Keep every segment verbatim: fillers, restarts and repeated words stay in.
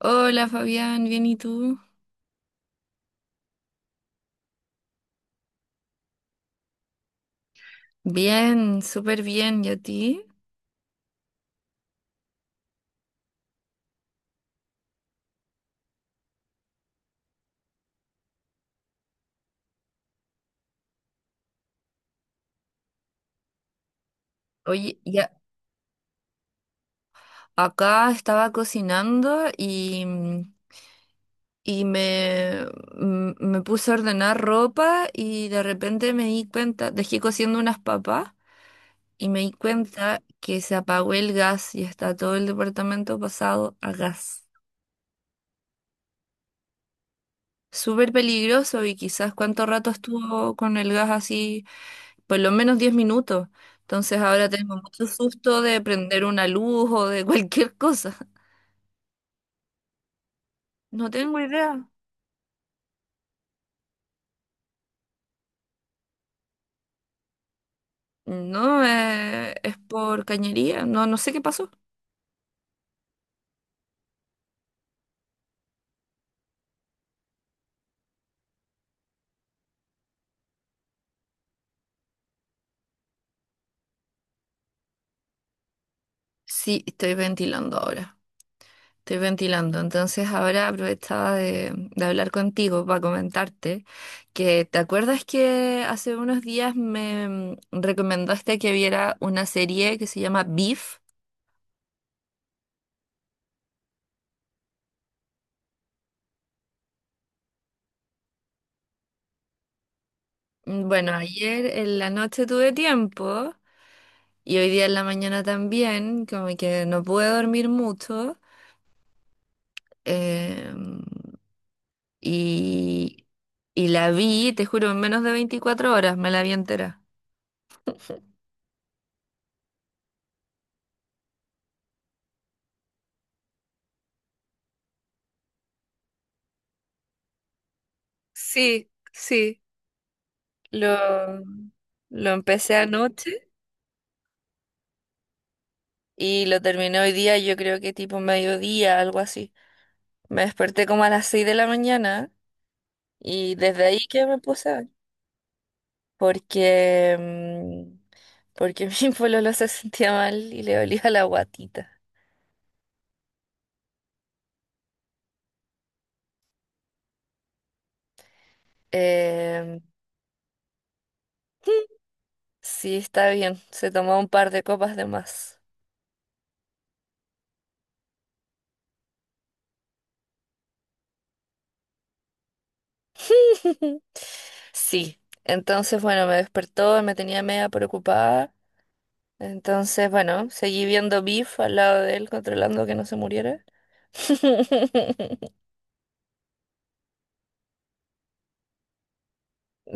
Hola Fabián, ¿bien y tú? Bien, súper bien, ¿y a ti? Oye, ya acá estaba cocinando y, mm, y me, mm, me puse a ordenar ropa y de repente me di cuenta, dejé cociendo unas papas y me di cuenta que se apagó el gas y está todo el departamento pasado a gas. Súper peligroso y quizás cuánto rato estuvo con el gas así, por lo menos diez minutos. Entonces ahora tengo mucho susto de prender una luz o de cualquier cosa. No tengo idea. No, eh, es por cañería. No, no sé qué pasó. Sí, estoy ventilando ahora. Estoy ventilando. Entonces ahora aprovechaba de, de hablar contigo para comentarte que ¿te acuerdas que hace unos días me mm, recomendaste que viera una serie que se llama Beef? Mm, Bueno, ayer en la noche tuve tiempo y hoy día en la mañana también, como que no pude dormir mucho eh, y, y la vi, te juro, en menos de veinticuatro horas me la vi entera. Sí, sí, lo, lo empecé anoche y lo terminé hoy día, yo creo que tipo mediodía, algo así. Me desperté como a las seis de la mañana y desde ahí que me puse a ver. Porque, mm, porque mi pololo se sentía mal y le dolía la guatita. Em, sí, está bien, se tomó un par de copas de más. Sí, entonces bueno, me despertó, me tenía media preocupada. Entonces, bueno, seguí viendo Beef al lado de él, controlando que no se muriera.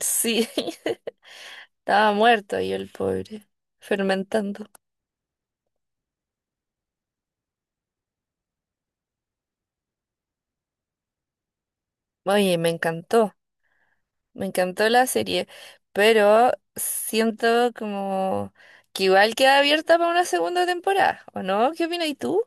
Sí, estaba muerto y el pobre, fermentando. Oye, me encantó. Me encantó la serie, pero siento como que igual queda abierta para una segunda temporada, ¿o no? ¿Qué opinas tú?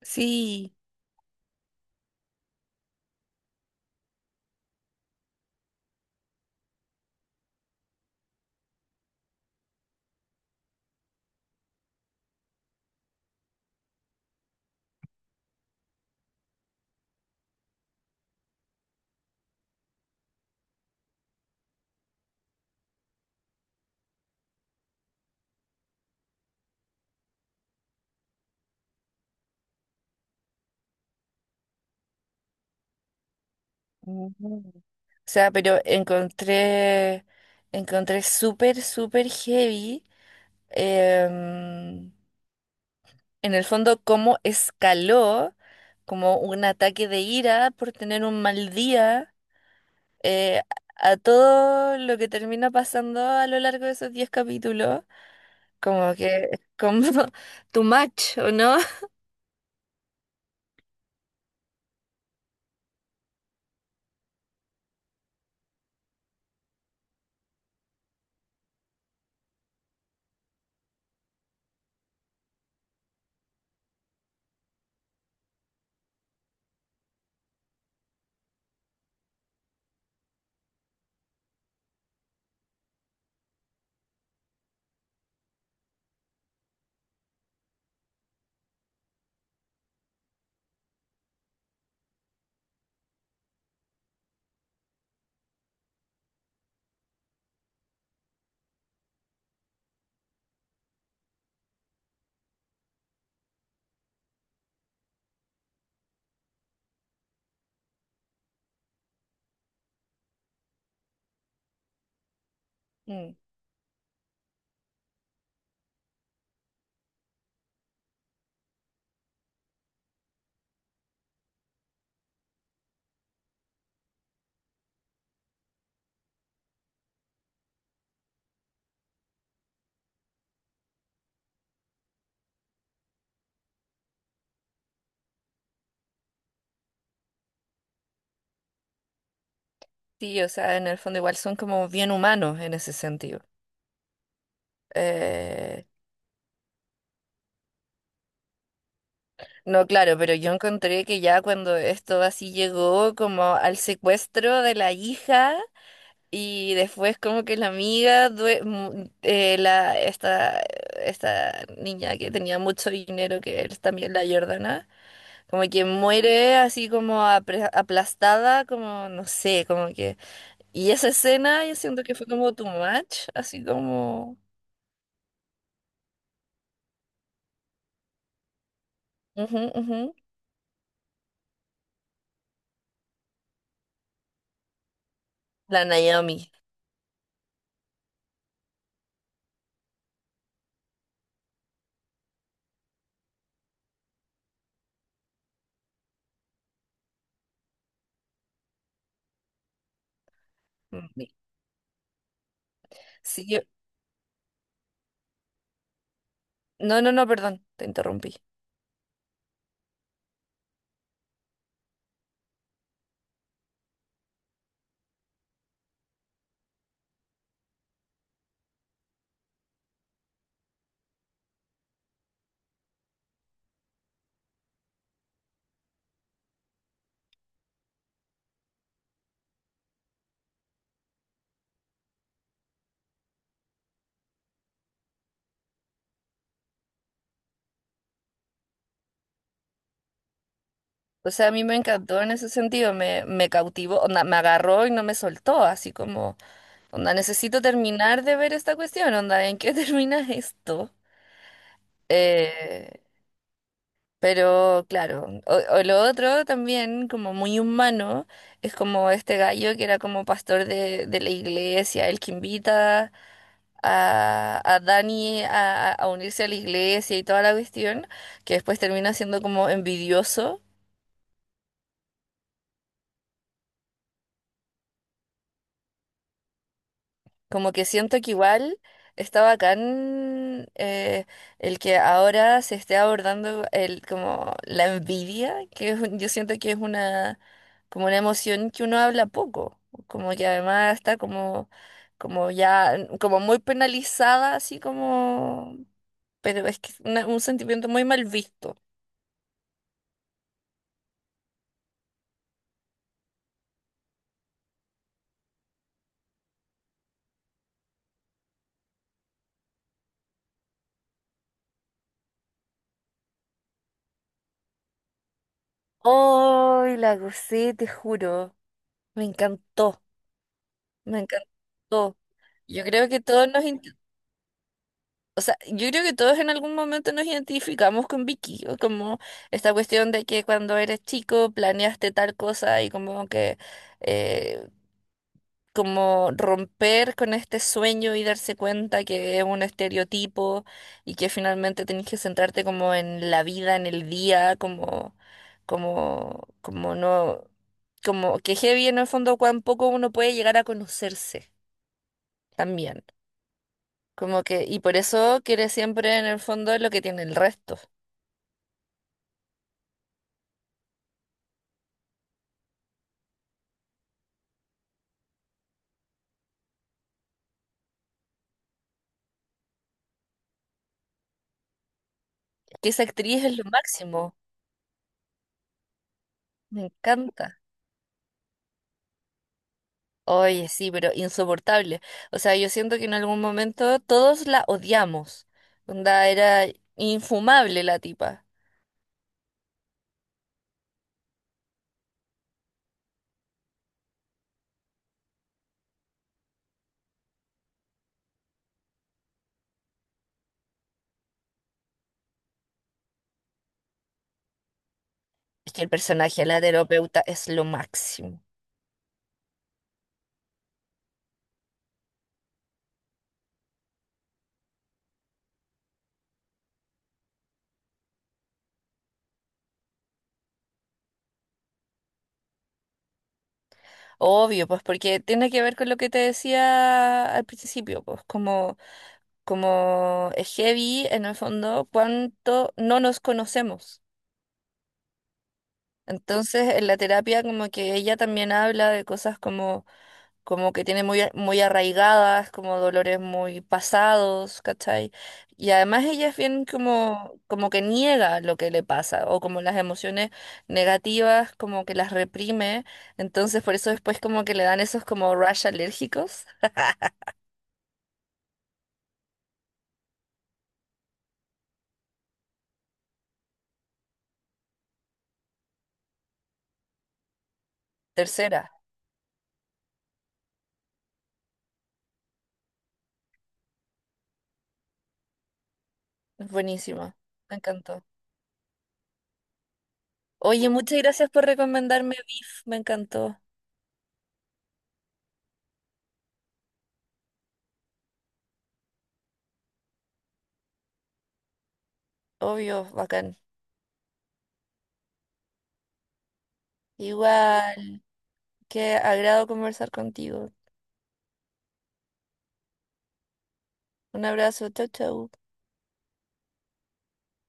Sí. Mm. O sea, pero encontré, encontré súper, súper heavy, em, en el fondo, cómo escaló como un ataque de ira por tener un mal día, eh, a todo lo que termina pasando a lo largo de esos diez capítulos. Como que es como too much, ¿o no? Mm, Sí, o sea, en el fondo igual son como bien humanos en ese sentido. Eh, no, claro, pero yo encontré que ya cuando esto así llegó como al secuestro de la hija y después como que la amiga, due- mu- eh, la, esta, esta niña que tenía mucho dinero, que es también la Jordana, como que muere así como apre- aplastada, como no sé, como que... Y esa escena yo siento que fue como too much, así como... Ujú, ujú. La Naomi. Ujú. Sí, yo- No, no, no, perdón, te interrumpí. O sea, a mí me encantó en ese sentido, me, me cautivó, onda, me agarró y no me soltó, así como, onda, necesito terminar de ver esta cuestión, onda, ¿en qué termina esto? Eh, pero claro, o, o lo otro también, como muy humano, es como este gallo que era como pastor de, de la iglesia, el que invita a, a Dani a, a- a unirse a la iglesia y toda la cuestión, que después termina siendo como envidioso, como que siento que igual está bacán eh, el que ahora se esté abordando el, como la envidia, que es un- yo siento que es una, como una emoción que uno habla poco, como que además está como, como ya, como muy penalizada, así como... Pero es que es una- un sentimiento muy mal visto. Hoy la gocé, te juro. Me encantó, me encantó. Yo creo que todos nos, inte- o sea, yo creo que todos en algún momento nos identificamos con Vicky, o como esta cuestión de que cuando eres chico planeaste tal cosa y como que eh, como romper con este sueño y darse cuenta que es un estereotipo y que finalmente tenés que centrarte como en la vida, en el día, como, como, como no, como que heavy en el fondo cuán poco uno puede llegar a conocerse también. Como que, y por eso quiere siempre en el fondo lo que tiene el resto. Que esa actriz es lo máximo. Me encanta. Oye, sí, pero insoportable. O sea, yo siento que en algún momento todos la odiamos. Onda, era infumable la tipa. Es que el personaje de la terapeuta es lo máximo. Obvio, pues porque tiene que ver con lo que te decía al principio, pues como, como es heavy en el fondo cuánto no nos conocemos. Entonces, en la terapia como que ella también habla de cosas como como que tiene muy, a- muy arraigadas, como dolores muy pasados, ¿cachai? Y además ella es bien como, como que niega lo que le pasa, o como las emociones negativas, como que las reprime, entonces por eso después como que le dan esos como rash alérgicos. Tercera, es buenísima, me encantó. Oye, muchas gracias por recomendarme Beef, me encantó. Obvio, bacán. Igual, qué agrado conversar contigo. Un abrazo, chau, chau.